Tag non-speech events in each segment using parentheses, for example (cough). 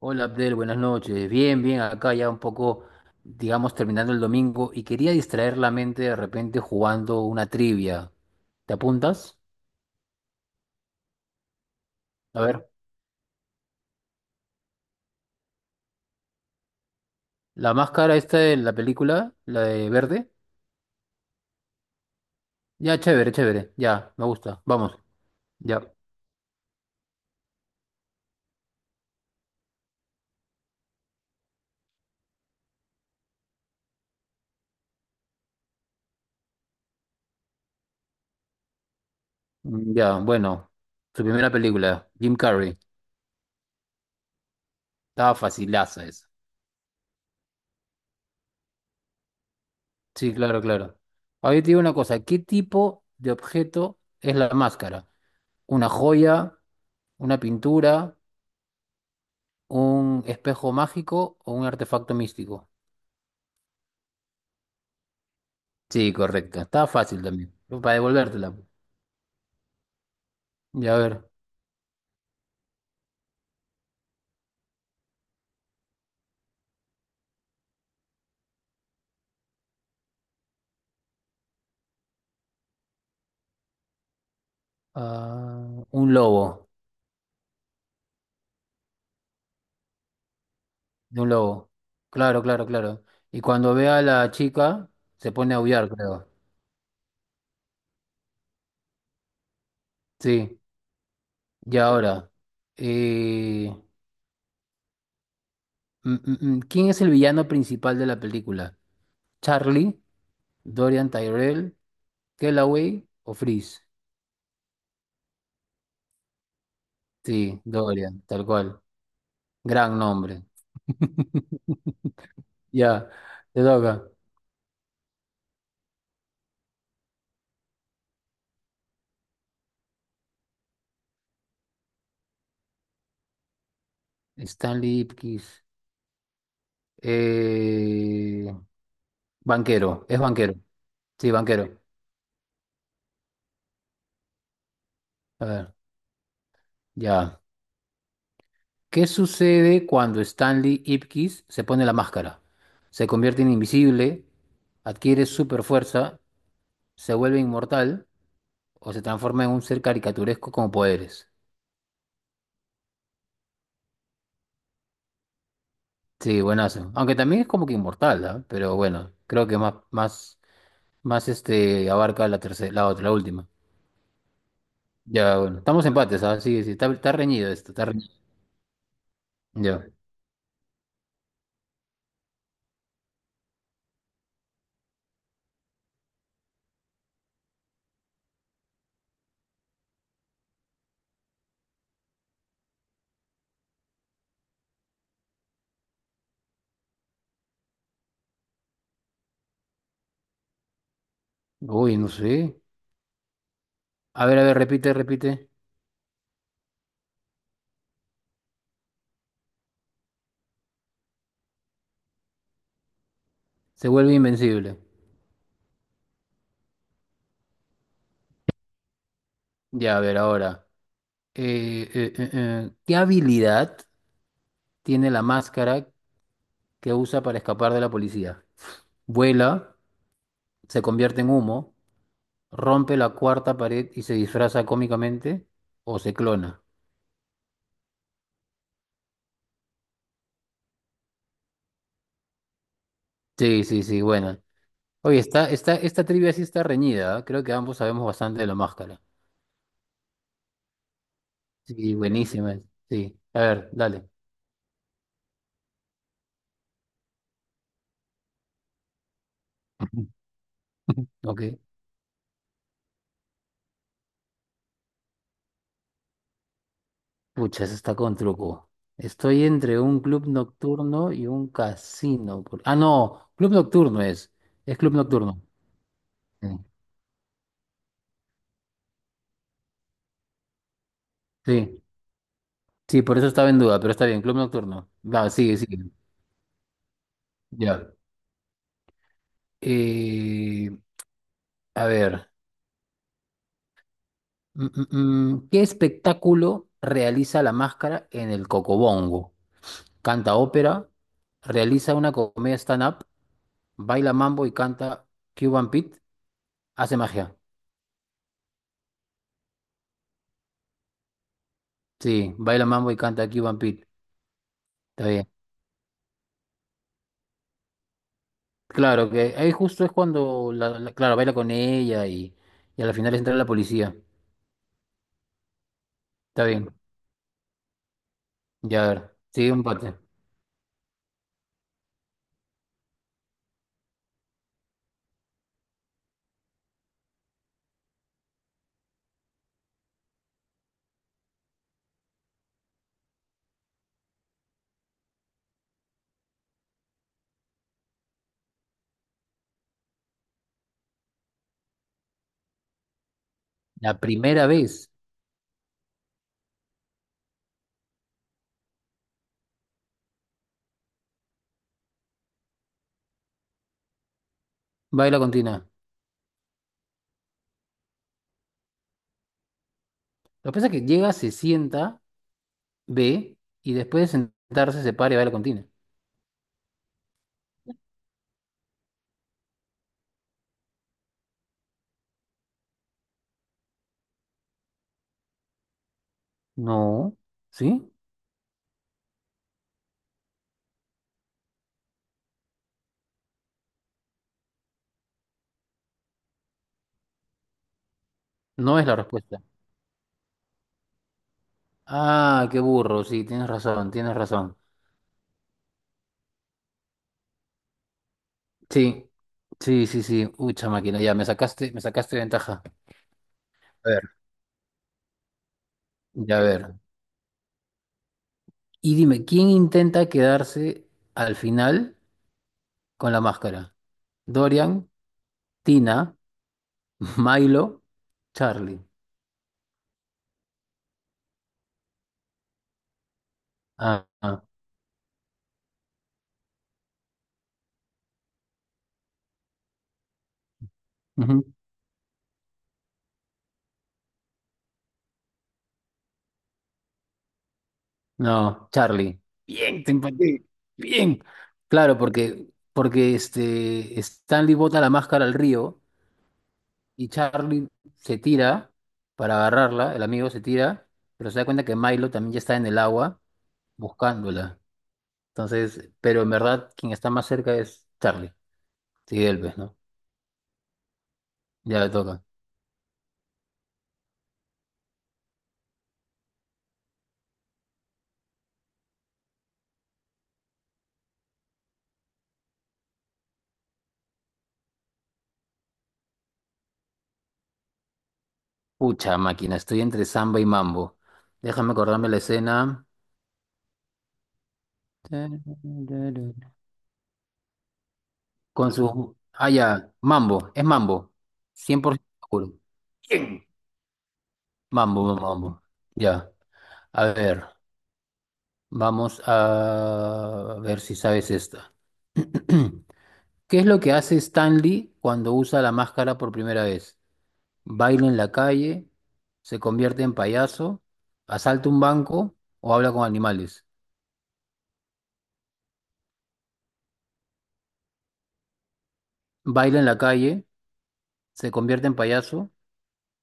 Hola Abdel, buenas noches. Bien, bien, acá ya un poco, digamos, terminando el domingo y quería distraer la mente de repente jugando una trivia. ¿Te apuntas? A ver, la máscara esta de la película, la de verde. Ya, chévere, chévere, ya, me gusta. Vamos, ya. Ya, bueno, su primera película, Jim Carrey. Estaba facilaza esa. Sí, claro, claro. Ahora yo te digo una cosa, ¿qué tipo de objeto es la máscara? ¿Una joya? ¿Una pintura? ¿Un espejo mágico o un artefacto místico? Sí, correcto. Está fácil también. Para devolvértela, pues. Y a ver. Un lobo. De un lobo. Claro, claro, claro. Y cuando ve a la chica, se pone a aullar, creo. Sí. Y ahora eh, ¿quién es el villano principal de la película? ¿Charlie? ¿Dorian Tyrell? ¿Kellaway o Freeze? Sí, Dorian, tal cual. Gran nombre. (laughs) Ya, te toca. Stanley Ipkiss. Eh, Banquero, es banquero. Sí, banquero. A ver, ya. ¿Qué sucede cuando Stanley Ipkiss se pone la máscara? ¿Se convierte en invisible? ¿Adquiere super fuerza? ¿Se vuelve inmortal? ¿O se transforma en un ser caricaturesco con poderes? Sí, buenazo. Aunque también es como que inmortal, ¿ah? Pero bueno, creo que más este abarca la tercera, la otra, la última. Ya, bueno. Estamos empates, ¿ah? Sí, sí, está reñido esto, está reñido. Ya. Uy, no sé. A ver, repite, repite. Se vuelve invencible. Ya, a ver, ahora. ¿Qué habilidad tiene la máscara que usa para escapar de la policía? ¿Vuela? ¿Se convierte en humo? ¿Rompe la cuarta pared y se disfraza cómicamente? ¿O se clona? Sí, sí, sí, buena. Oye, esta trivia sí está reñida, ¿ah? Creo que ambos sabemos bastante de la máscara. Sí, buenísima. Sí, a ver, dale. (laughs) Ok. Pucha, eso está con truco. Estoy entre un club nocturno y un casino. Ah, no, club nocturno es. Es club nocturno. Sí, sí, sí, por eso estaba en duda, pero está bien, club nocturno. Va, sigue, sigue. Ya. Eh, a ver, mm, mm, mm, ¿Qué espectáculo realiza la máscara en el Cocobongo? ¿Canta ópera? ¿Realiza una comedia stand-up? ¿Baila mambo y canta Cuban Pete? ¿Hace magia? Sí, baila mambo y canta Cuban Pete. Está... Claro, que ahí justo es cuando, claro, baila con ella y a la final entra la policía. Está bien, ya a ver, sigue un empate. La primera vez baila con Tina. Lo que pasa es que llega, se sienta, ve y después de sentarse se para y baila con Tina. No, ¿sí? No es la respuesta. Ah, qué burro, sí, tienes razón, tienes razón. Sí, sí, sí, sí. Ucha máquina, ya me sacaste ventaja. A ver, ya a ver. Y dime, ¿quién intenta quedarse al final con la máscara? Dorian, Tina, (laughs) Milo, Charlie. Ah, ah, ujú. No, Charlie. Bien, te empaté. Bien. Claro, porque, porque este, Stanley bota la máscara al río y Charlie se tira para agarrarla, el amigo se tira, pero se da cuenta que Milo también ya está en el agua buscándola. Entonces, pero en verdad quien está más cerca es Charlie. Sí, él, pues, ¿no? Ya le toca. Pucha máquina, estoy entre samba y mambo. Déjame acordarme la escena. Con su... Ah, ya, mambo, es mambo. 100% seguro. Bien. Mambo, mambo. Ya, a ver, vamos a ver si sabes esta. (clears throat) ¿Qué es lo que hace Stanley cuando usa la máscara por primera vez? ¿Baila en la calle? ¿Se convierte en payaso? ¿Asalta un banco? ¿O habla con animales? Baila en la calle, se convierte en payaso,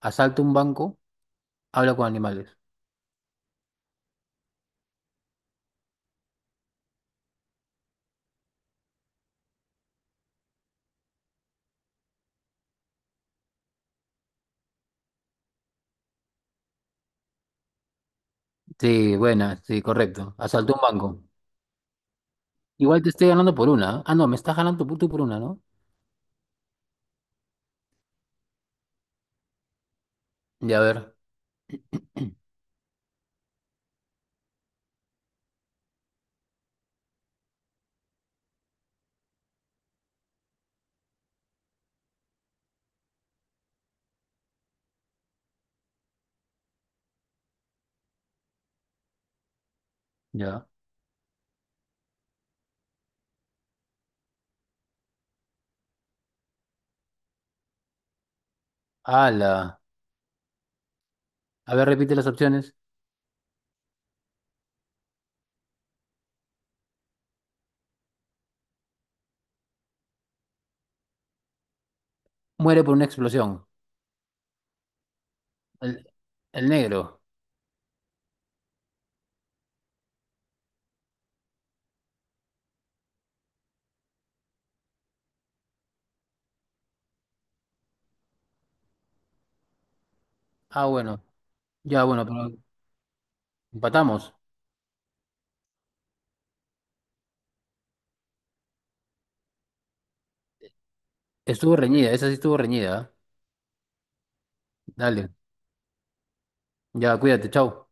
asalta un banco, habla con animales. Sí, buena, sí, correcto. Asaltó un banco. Igual te estoy ganando por una, ¿eh? Ah, no, me estás ganando tú por una, ¿no? Ya, a ver, ya. Ala. A ver, repite las opciones. Muere por una explosión. El, el negro. Ah, bueno. Ya, bueno, pero empatamos. Estuvo reñida, esa sí estuvo reñida. ¿Eh? Dale. Ya, cuídate, chao.